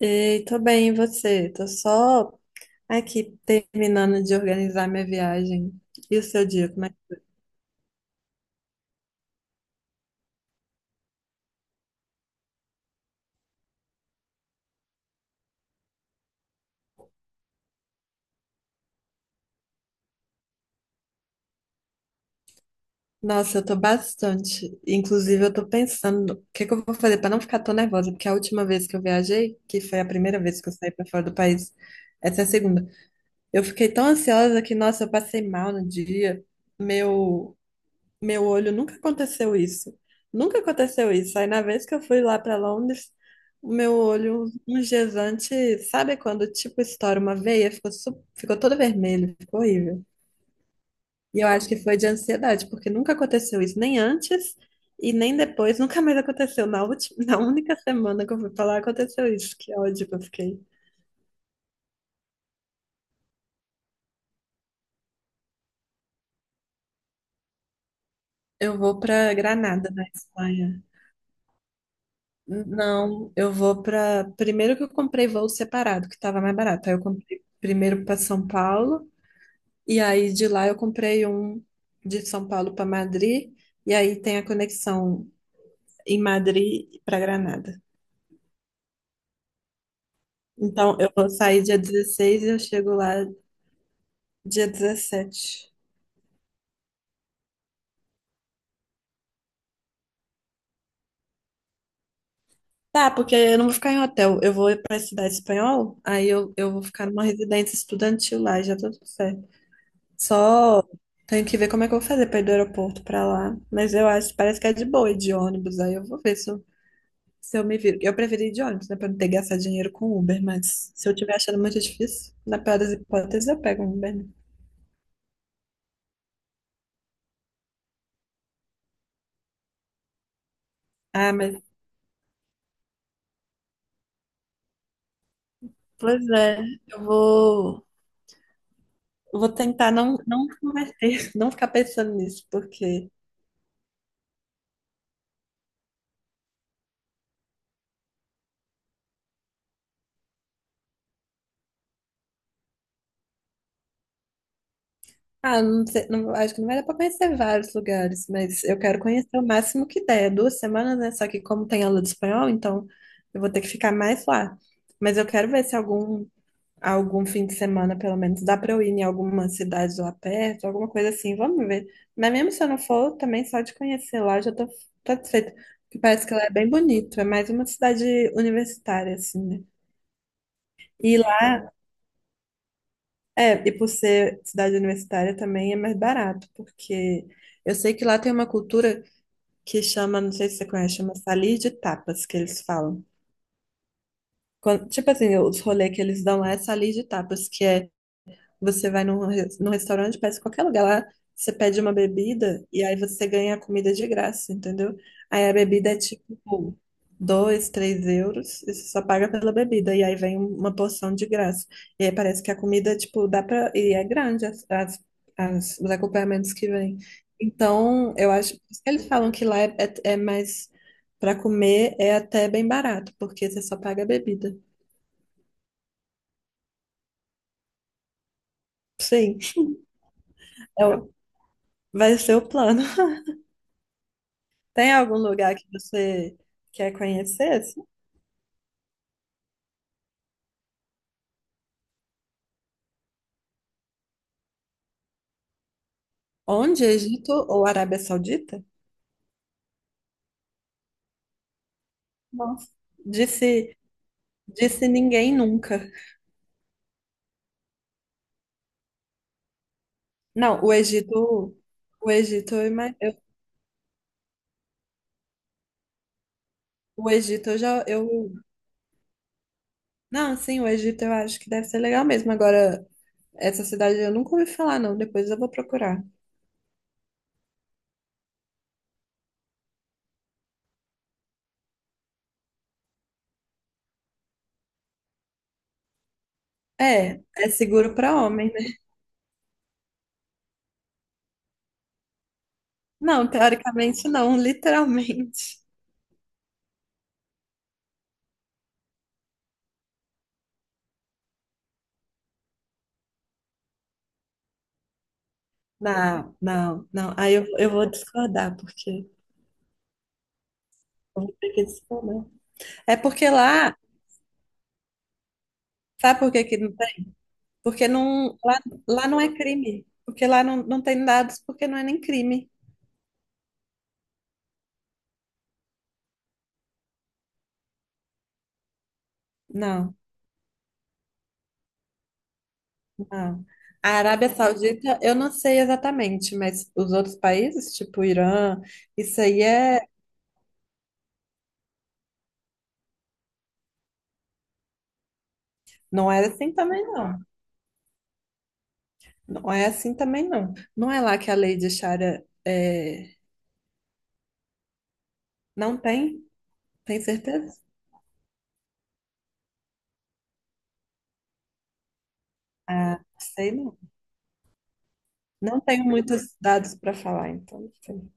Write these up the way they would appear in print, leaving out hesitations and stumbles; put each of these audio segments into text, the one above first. Ei, tô bem, e você? Tô só aqui terminando de organizar minha viagem. E o seu dia, como é que foi? Nossa, eu tô bastante. Inclusive, eu tô pensando o que que eu vou fazer pra não ficar tão nervosa, porque a última vez que eu viajei, que foi a primeira vez que eu saí pra fora do país, essa é a segunda. Eu fiquei tão ansiosa que, nossa, eu passei mal no dia. Meu meu olho nunca aconteceu isso. Nunca aconteceu isso. Aí na vez que eu fui lá para Londres, o meu olho, uns dias antes, sabe quando tipo estoura uma veia, ficou, ficou todo vermelho, ficou horrível. E eu acho que foi de ansiedade, porque nunca aconteceu isso, nem antes e nem depois, nunca mais aconteceu. Na única semana que eu fui pra lá, aconteceu isso. Que ódio que eu fiquei. Eu vou pra Granada, na Espanha. Não, eu vou para. Primeiro que eu comprei voo separado, que estava mais barato. Aí eu comprei primeiro para São Paulo, e aí de lá eu comprei um de São Paulo para Madrid, e aí tem a conexão em Madrid para Granada. Então eu vou sair dia 16 e eu chego lá dia 17. Tá, porque eu não vou ficar em hotel, eu vou para a cidade espanhol, aí eu vou ficar numa residência estudantil lá, já tô tudo certo. Só tenho que ver como é que eu vou fazer para ir do aeroporto para lá. Mas eu acho, parece que é de boa ir de ônibus. Aí eu vou ver se eu me viro. Eu preferi ir de ônibus, né? Para não ter que gastar dinheiro com Uber. Mas se eu estiver achando muito difícil, na pior das hipóteses, eu pego um Uber. Né? Ah, mas pois é. Eu vou, eu vou tentar não converter, não ficar pensando nisso, porque. Ah, não sei, não- acho que não vai dar para conhecer vários lugares, mas eu quero conhecer o máximo que der. É 2 semanas, né? Só que como tem aula de espanhol, então eu vou ter que ficar mais lá. Mas eu quero ver se algum fim de semana, pelo menos, dá para eu ir em alguma cidade lá perto, alguma coisa assim. Vamos ver. Mas mesmo se eu não for, também só de conhecer lá eu já tô satisfeita. Porque parece que lá é bem bonito. É mais uma cidade universitária, assim, né? E e por ser cidade universitária também é mais barato, porque eu sei que lá tem uma cultura que chama, não sei se você conhece, chama salir de tapas, que eles falam. Tipo assim, os rolês que eles dão lá é salir de tapas, que é você vai num restaurante, parece qualquer lugar lá, você pede uma bebida e aí você ganha a comida de graça, entendeu? Aí a bebida é tipo 2, 3 euros, e você só paga pela bebida, e aí vem uma porção de graça. E aí parece que a comida, tipo, dá pra. E é grande os acompanhamentos que vem. Então, eu acho. Por isso que eles falam que lá é mais. Pra comer é até bem barato, porque você só paga a bebida. Sim, é o- vai ser o plano. Tem algum lugar que você quer conhecer? Assim? Onde? Egito ou Arábia Saudita? Nossa. Disse, disse ninguém nunca. Não, o Egito, o Egito não, sim, o Egito eu acho que deve ser legal mesmo. Agora, essa cidade eu nunca ouvi falar, não. Depois eu vou procurar. É, é seguro para homem, né? Não, teoricamente não, literalmente. Não, não, não. Aí eu vou discordar, porque eu vou ter que discordar. É porque lá, sabe por que que não tem? Porque não, lá não é crime. Porque lá não tem dados, porque não é nem crime. Não, não. A Arábia Saudita, eu não sei exatamente, mas os outros países, tipo Irã, isso aí é, não é assim também não. Não é assim também não. Não é lá que a lei de Sharia é, não tem, tem certeza? Ah, sei não. Não tenho muitos dados para falar, então. Não sei.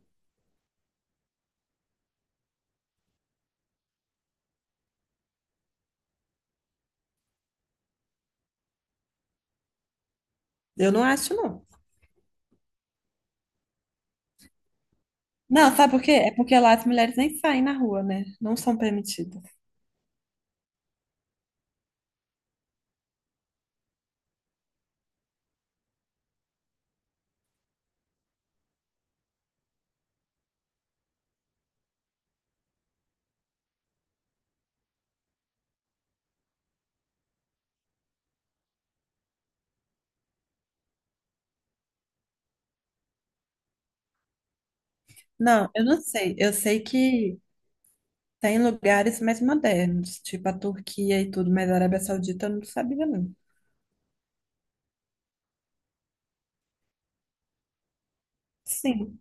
Eu não acho não. Não, sabe por quê? É porque lá as mulheres nem saem na rua, né? Não são permitidas. Não, eu não sei. Eu sei que tem lugares mais modernos, tipo a Turquia e tudo, mas a Arábia Saudita eu não sabia, não. Sim.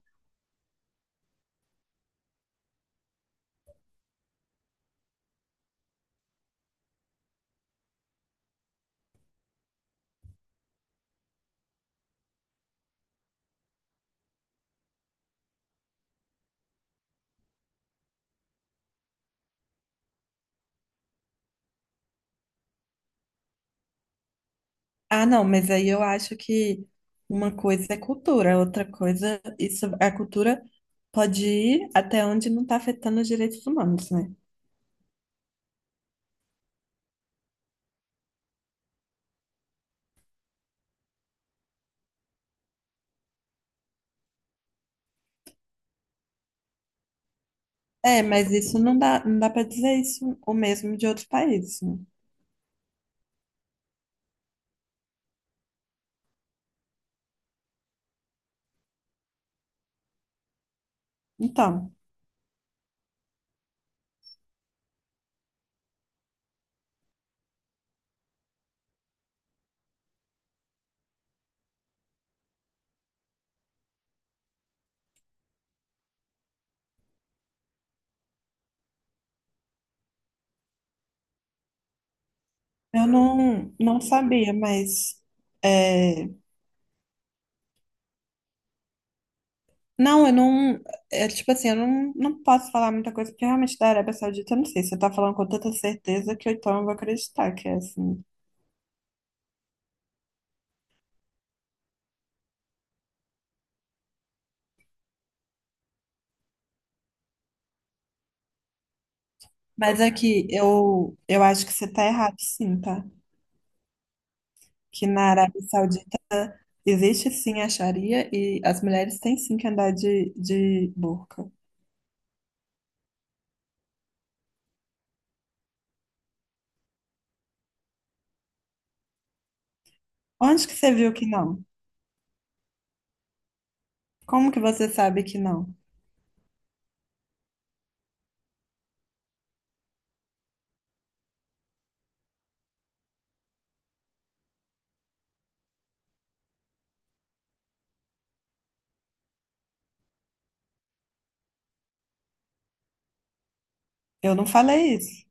Ah, não, mas aí eu acho que uma coisa é cultura, outra coisa, isso, a cultura pode ir até onde não está afetando os direitos humanos, né? É, mas isso não dá para dizer isso o mesmo de outros países, né? Então. Eu não sabia, mas. É, não, eu não. É, tipo assim, eu não posso falar muita coisa, porque realmente da Arábia Saudita eu não sei. Você tá falando com tanta certeza que eu, então eu vou acreditar que é assim. Mas é que eu acho que você tá errado, sim, tá? Que na Arábia Saudita existe sim a Sharia e as mulheres têm sim que andar de burca. Onde que você viu que não? Como que você sabe que não? Eu não falei isso.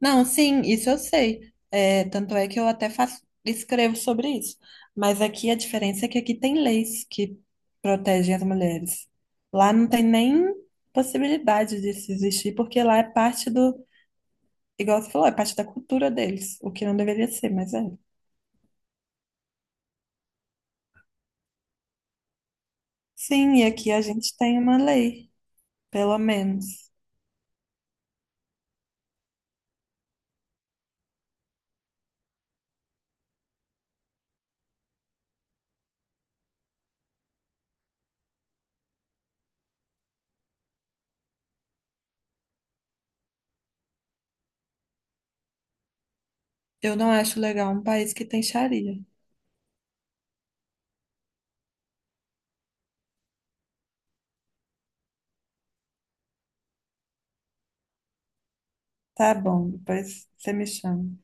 Não, sim, isso eu sei. É, tanto é que eu até faço, escrevo sobre isso. Mas aqui a diferença é que aqui tem leis que protegem as mulheres. Lá não tem nem possibilidade disso existir, porque lá é parte do, igual você falou, é parte da cultura deles, o que não deveria ser, mas é. Sim, e aqui a gente tem uma lei, pelo menos. Eu não acho legal um país que tem xaria. Tá bom, depois você me chama.